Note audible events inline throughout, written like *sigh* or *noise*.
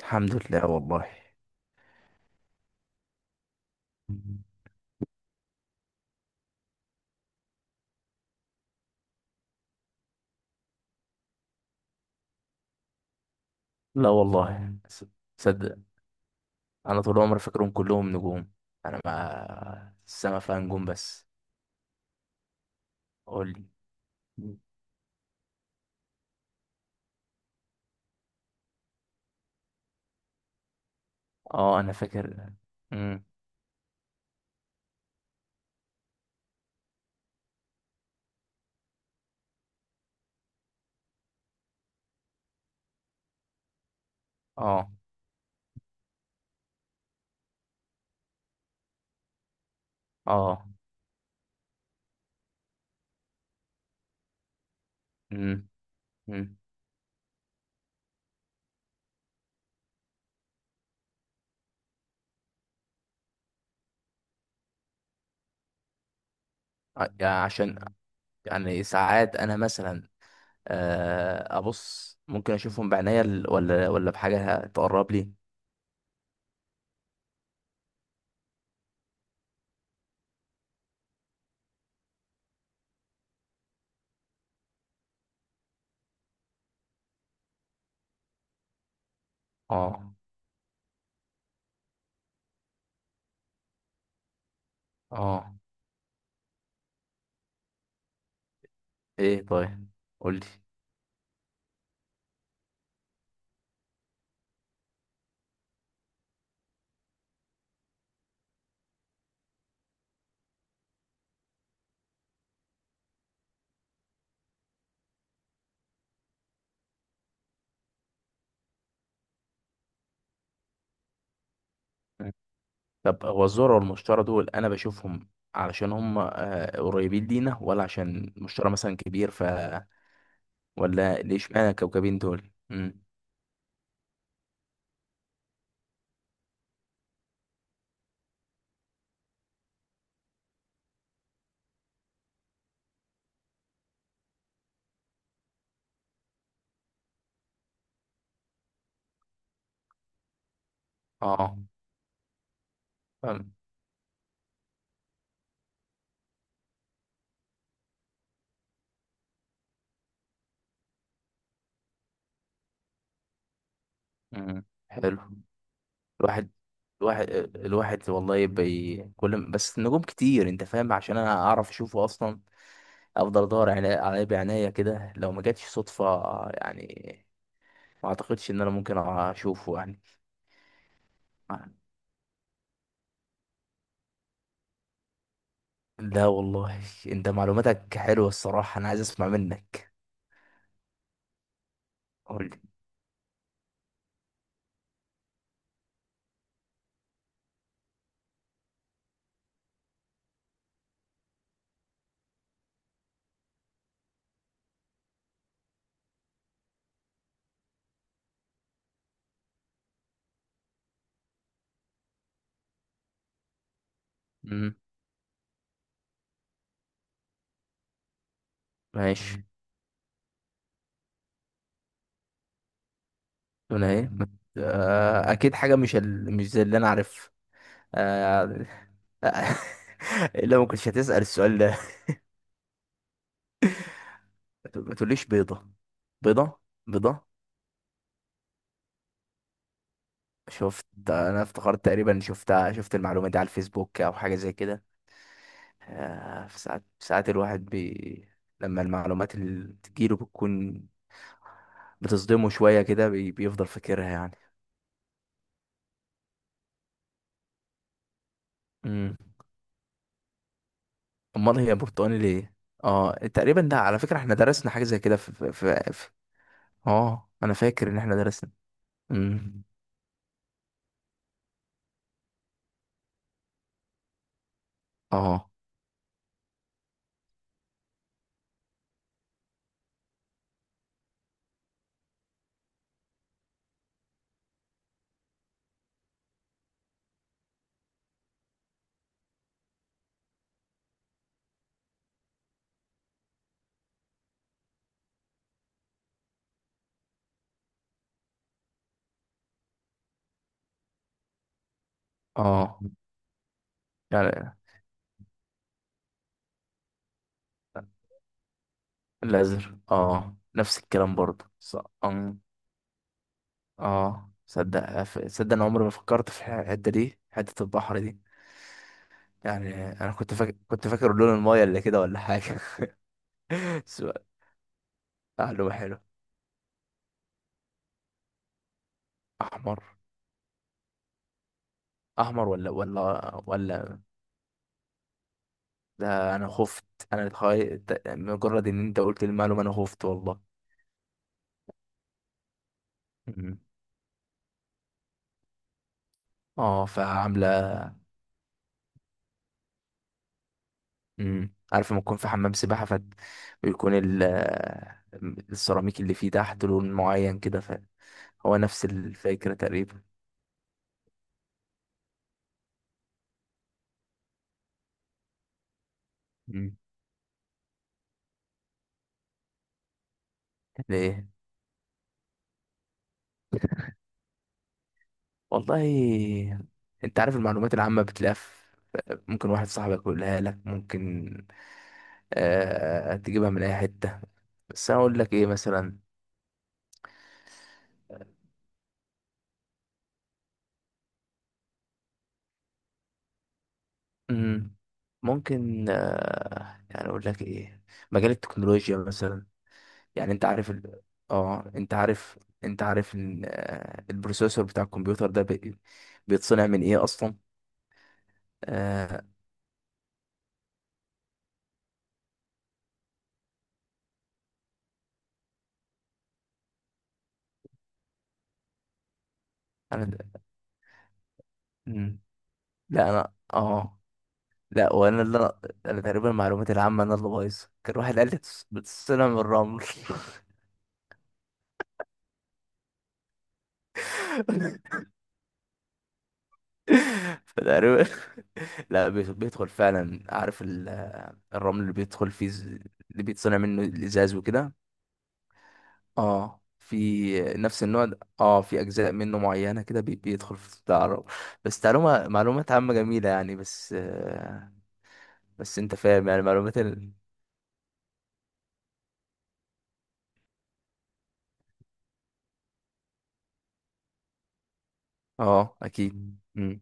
الحمد لله والله. لا والله صدق انا طول عمري فاكرهم كلهم نجوم. انا ما السما فيها نجوم بس؟ قول لي. اه، انا فاكر. امم. اه. اه. امم. امم. يعني عشان، يعني ساعات انا مثلا، ابص ممكن اشوفهم بعينيا ولا بحاجه تقرب لي. اه. اه. ايه طيب، قول لي. طب هو الذرة والمشتري دول أنا بشوفهم علشان هم قريبين لينا، ولا عشان المشتري مثلا كبير؟ ولا ليه اشمعنى الكوكبين دول؟ مم. اه. فاهم. مم. حلو. الواحد الواحد الواحد والله كل ما- بس النجوم كتير، انت فاهم؟ عشان انا اعرف اشوفه اصلا افضل ادور عليه بعناية كده، لو ما جاتش صدفة يعني. ما اعتقدش ان انا ممكن اشوفه يعني. لا والله، انت معلوماتك حلوة الصراحة، انا عايز اسمع منك. قول. مم. ماشي. هنا ايه؟ اكيد حاجه مش زي اللي انا عارف. آه. الا *laughs* ما كنتش هتسال السؤال ده. ما تقوليش بيضه. بيضه. بيضه. شفت؟ انا افتكرت تقريبا شفت المعلومه دي على الفيسبوك او حاجه زي كده. في ساعات الواحد لما المعلومات اللي بتجيله بتكون بتصدمه شويه كده، بيفضل فاكرها يعني. مم. امال هي برتقاني ليه؟ اه، تقريبا ده على فكره احنا درسنا حاجه زي كده في، اه انا فاكر ان احنا درسنا. امم. اه. اه. يعني الازهر، اه، نفس الكلام برضه. أم. اه، صدق، صدق انا عمري ما فكرت في الحته دي، حته البحر دي يعني. انا كنت فاكر لون المايه اللي كده، ولا حاجه. *laughs* سؤال. معلومه حلو. احمر. احمر، ولا ولا. ده انا خفت. انا اتخيل مجرد ان انت قلت المعلومه انا خفت والله. مم. اه، فعامله. مم. عارف لما تكون في حمام سباحه ويكون السيراميك اللي فيه تحت لون معين كده، هو نفس الفكره تقريبا. مم. ليه؟ والله انت عارف المعلومات العامه بتلاقيها ممكن واحد صاحبك يقولها لك، ممكن تجيبها من اي حته. بس انا اقول لك ايه مثلا. مم. ممكن يعني اقول لك ايه. مجال التكنولوجيا مثلا. يعني انت عارف اه، انت عارف. انت عارف ان البروسيسور بتاع الكمبيوتر ده بيتصنع من ايه اصلا؟ آه، انا. مم. لا، انا، اه، لا، وانا اللي انا. أنا تقريبا المعلومات العامه انا اللي بايظه، كان واحد قال لي بتتصنع من الرمل. *laughs* فتقريبا *laughs* لا، بيدخل فعلا، عارف الرمل اللي بيدخل فيه، اللي بيتصنع منه الازاز وكده. اه. في نفس النوع ده، اه، في اجزاء منه معينه كده بيدخل في بتاع الرمل. بس معلومات عامه جميله يعني، بس آه، بس انت فاهم يعني، معلومات اه اكيد. امم.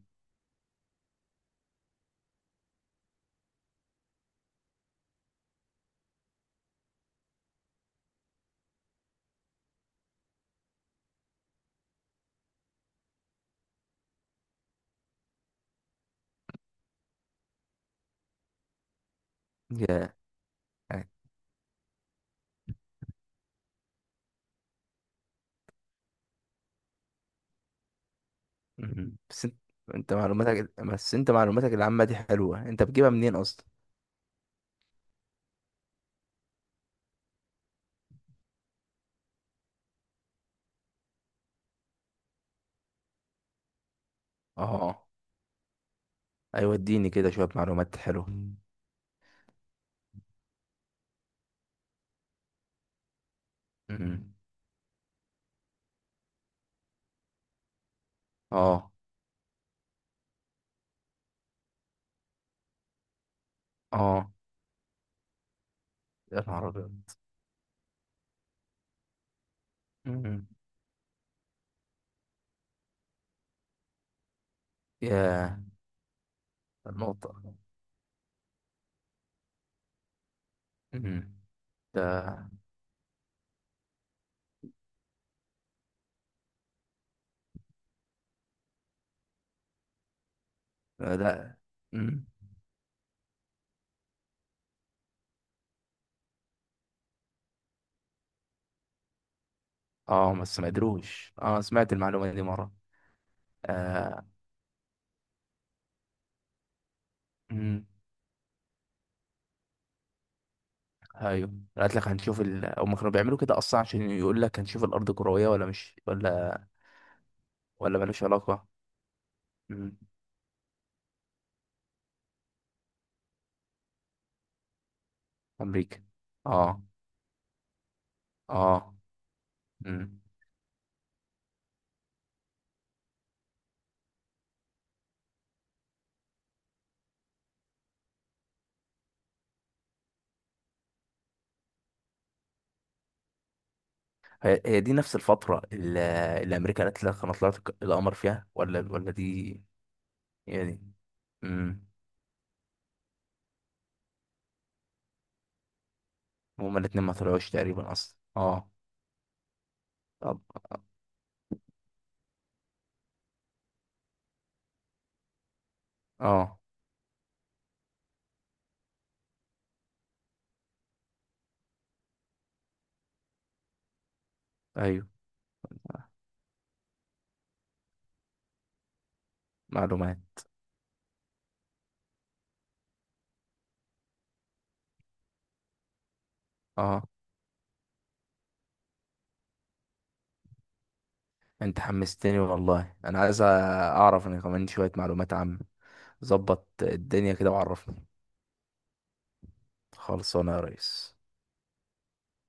يا يعني. مم. بس انت انت معلوماتك بس انت معلوماتك العامه دي حلوه، انت بتجيبها منين اصلا؟ اه. ايوه، اديني كده شويه معلومات حلوه. مم. اه. اه. يا نهار ابيض. مم. يا النقطة. مم. ده ده. مم. اه، بس ما قدروش. اه، سمعت المعلومة دي مرة. آه. مم. ايوه. قالت لك هنشوف هم كانوا بيعملوا كده اصلا عشان يقول لك هنشوف الارض كروية ولا مش، ولا ملوش علاقة. مم. امريكا. اه. اه. مم. هي دي نفس الفترة اللي، اللي امريكا قالت لك انا طلعت القمر فيها، ولا دي. هي دي. امم. هما الاتنين ما طلعوش تقريبا اصلا. اه. طب. اه. ايوه معلومات. اه، انت حمستني والله، انا عايز اعرف انا كمان شوية معلومات عامة، ظبط الدنيا كده وعرفني. خلصانه يا ريس.